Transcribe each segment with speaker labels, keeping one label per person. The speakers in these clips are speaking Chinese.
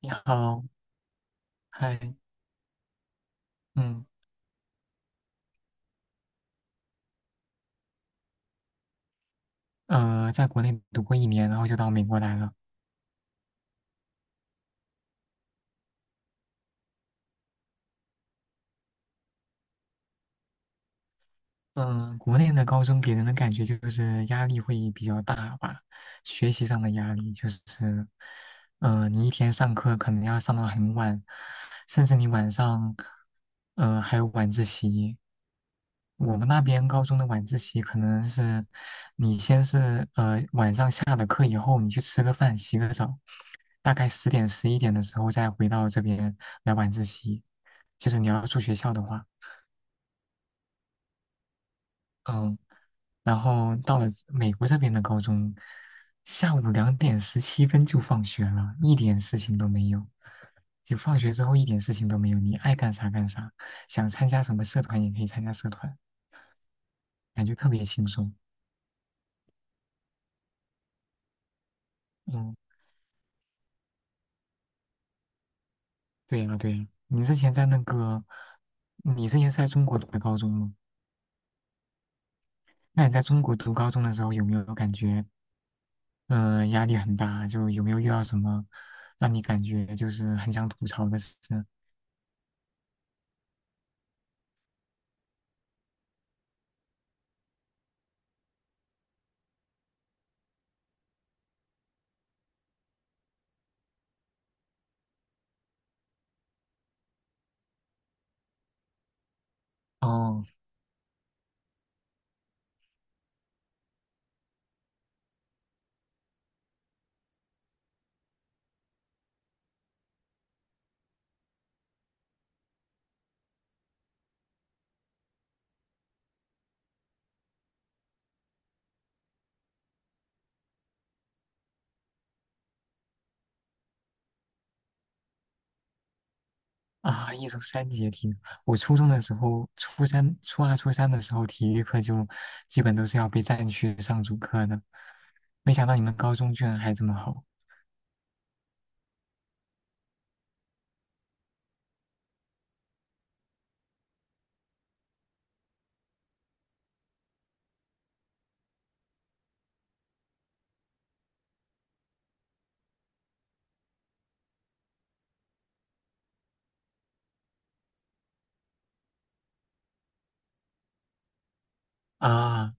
Speaker 1: 你好，嗨，嗯，在国内读过一年，然后就到美国来了。嗯，国内的高中给人的感觉就是压力会比较大吧，学习上的压力就是，嗯，你一天上课可能要上到很晚，甚至你晚上，还有晚自习。我们那边高中的晚自习可能是，你先是晚上下了课以后，你去吃个饭、洗个澡，大概10点11点的时候再回到这边来晚自习，就是你要住学校的话。嗯，然后到了美国这边的高中，下午2点17分就放学了，一点事情都没有。就放学之后一点事情都没有，你爱干啥干啥，想参加什么社团也可以参加社团，感觉特别轻松。嗯，对呀对呀。你之前是在中国读的高中吗？那你在中国读高中的时候有没有感觉，嗯、压力很大？就有没有遇到什么让你感觉就是很想吐槽的事？哦，啊，一周三节体育。我初中的时候，初三、初二、初三的时候，体育课就基本都是要被占去上主课的。没想到你们高中居然还这么好啊！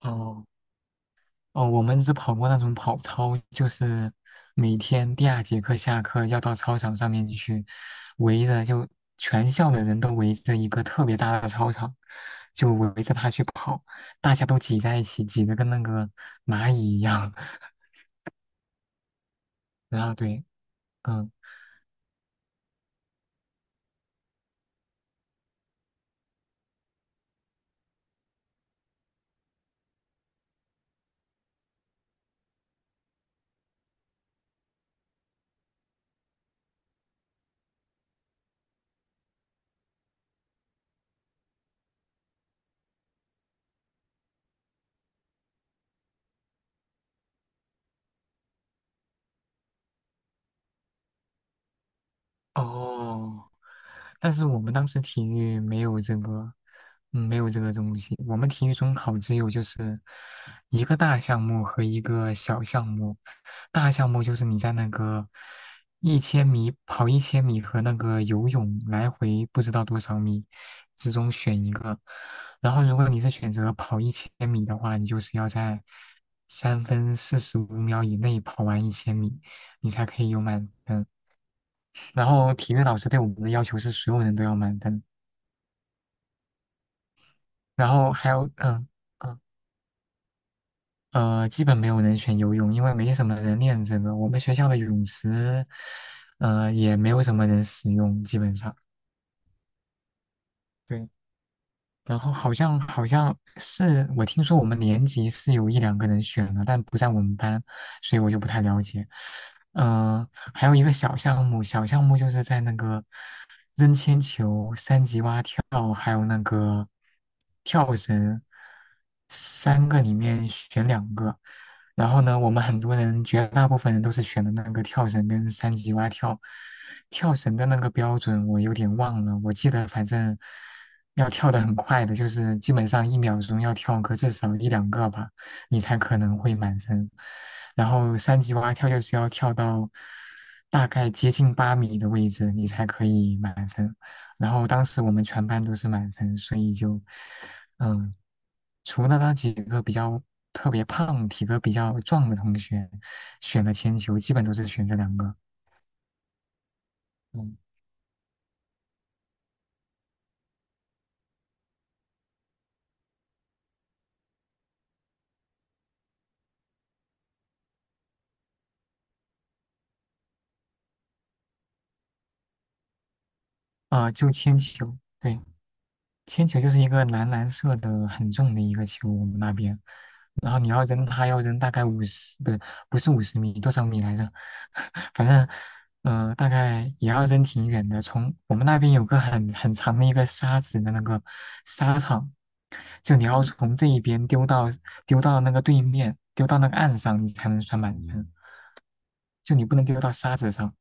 Speaker 1: 哦哦，我们只跑过那种跑操，就是每天第二节课下课要到操场上面去，围着就全校的人都围着一个特别大的操场，就围着他去跑，大家都挤在一起，挤得跟那个蚂蚁一样。然后对。嗯。哦，但是我们当时体育没有这个，嗯，没有这个东西。我们体育中考只有就是一个大项目和一个小项目。大项目就是你在那个一千米跑一千米和那个游泳来回不知道多少米之中选一个。然后如果你是选择跑一千米的话，你就是要在三分四十五秒以内跑完一千米，你才可以有满分。然后体育老师对我们的要求是所有人都要满分，然后还有嗯基本没有人选游泳，因为没什么人练这个。我们学校的泳池，也没有什么人使用，基本上。对。然后好像是我听说我们年级是有一两个人选的，但不在我们班，所以我就不太了解。嗯、还有一个小项目，小项目就是在那个扔铅球、三级蛙跳，还有那个跳绳，三个里面选两个。然后呢，我们很多人，绝大部分人都是选的那个跳绳跟三级蛙跳。跳绳的那个标准我有点忘了，我记得反正要跳的很快的，就是基本上1秒钟要跳个至少一两个吧，你才可能会满分。然后三级蛙跳就是要跳到大概接近8米的位置，你才可以满分。然后当时我们全班都是满分，所以就嗯、呃除了那几个比较特别胖、体格比较壮的同学选了铅球，基本都是选这两个。嗯，啊、就铅球，对，铅球就是一个蓝蓝色的很重的一个球，我们那边，然后你要扔它，要扔大概五十，不是50米，多少米来着？反正，大概也要扔挺远的。从我们那边有个很长的一个沙子的那个沙场，就你要从这一边丢到那个对面，丢到那个岸上，你才能算满分，就你不能丢到沙子上。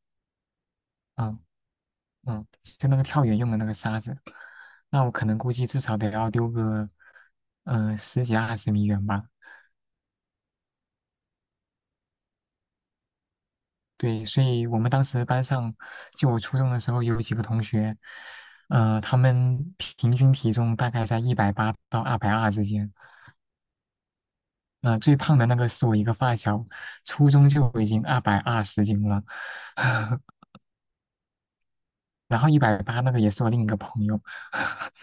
Speaker 1: 啊。嗯，就那个跳远用的那个沙子，那我可能估计至少得要丢个，十几二十米远吧。对，所以我们当时班上，就我初中的时候有几个同学，他们平均体重大概在一百八到二百二之间。最胖的那个是我一个发小，初中就已经220斤了，然后一百八那个也是我另一个朋友。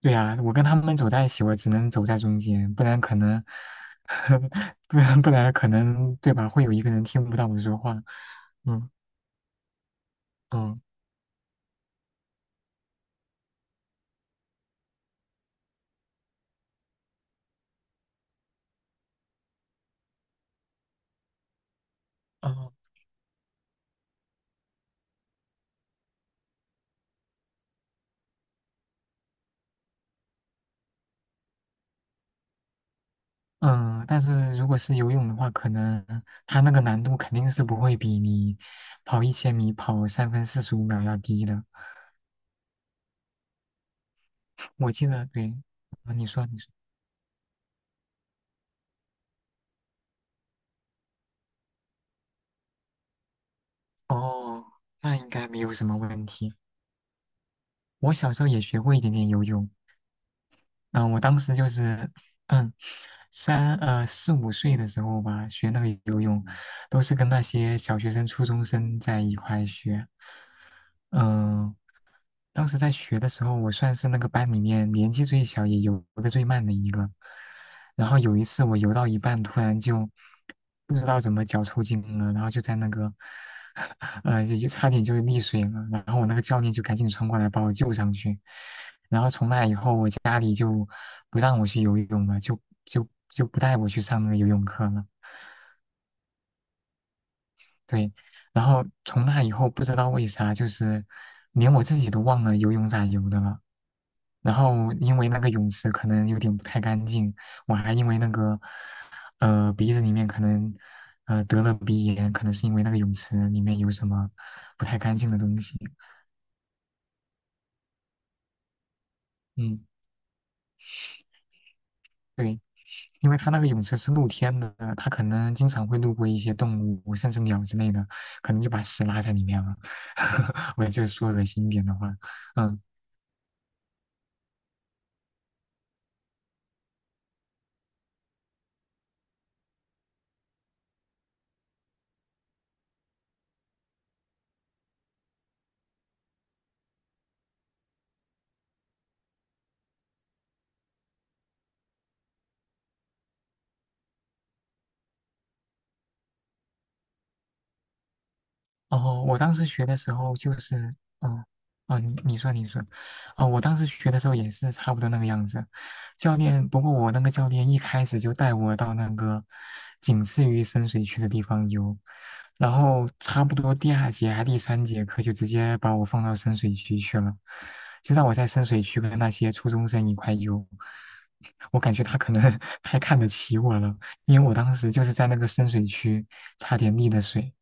Speaker 1: 对呀，我跟他们走在一起，我只能走在中间，不然可能，不然可能，对吧？会有一个人听不到我说话。嗯嗯嗯嗯，但是如果是游泳的话，可能他那个难度肯定是不会比你跑一千米跑三分四十五秒要低的。我记得，对，啊你说你说，哦，那应该没有什么问题。我小时候也学过一点点游泳，嗯，我当时就是。嗯。4、5岁的时候吧，学那个游泳，都是跟那些小学生、初中生在一块学。嗯、当时在学的时候，我算是那个班里面年纪最小，也游得最慢的一个。然后有一次我游到一半，突然就不知道怎么脚抽筋了，然后就在那个，就差点就溺水了。然后我那个教练就赶紧冲过来把我救上去。然后从那以后，我家里就不让我去游泳了，就不带我去上那个游泳课了。对，然后从那以后不知道为啥，就是连我自己都忘了游泳咋游的了。然后因为那个泳池可能有点不太干净，我还因为那个鼻子里面可能得了鼻炎，可能是因为那个泳池里面有什么不太干净的东西。嗯，对，因为它那个泳池是露天的，它可能经常会路过一些动物，甚至鸟之类的，可能就把屎拉在里面了。我就说恶心一点的话，嗯。哦，我当时学的时候就是，嗯，啊，你说你说，啊，我当时学的时候也是差不多那个样子。不过我那个教练一开始就带我到那个仅次于深水区的地方游，然后差不多第二节还第三节课就直接把我放到深水区去了，就让我在深水区跟那些初中生一块游。我感觉他可能 太看得起我了，因为我当时就是在那个深水区差点溺的水。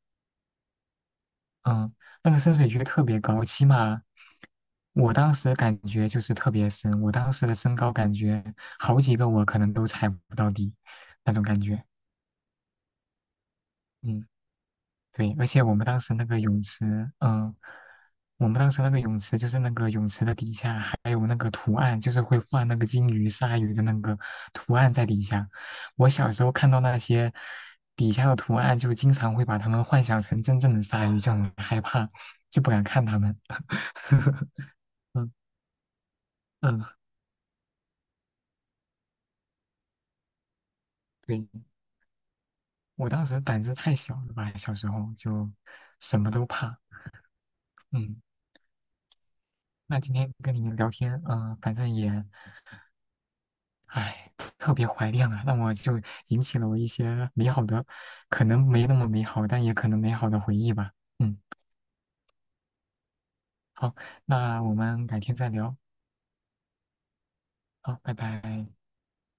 Speaker 1: 嗯，那个深水区特别高，起码我当时感觉就是特别深，我当时的身高感觉好几个我可能都踩不到底那种感觉。嗯，对，而且我们当时那个泳池就是那个泳池的底下还有那个图案，就是会画那个金鱼、鲨鱼的那个图案在底下。我小时候看到那些底下的图案，就经常会把它们幻想成真正的鲨鱼，就很害怕，就不敢看它们。嗯嗯，对，我当时胆子太小了吧，小时候就什么都怕。嗯，那今天跟你们聊天，反正也，哎，特别怀念啊，那我就引起了我一些美好的，可能没那么美好，但也可能美好的回忆吧。嗯，好，那我们改天再聊。好，拜拜。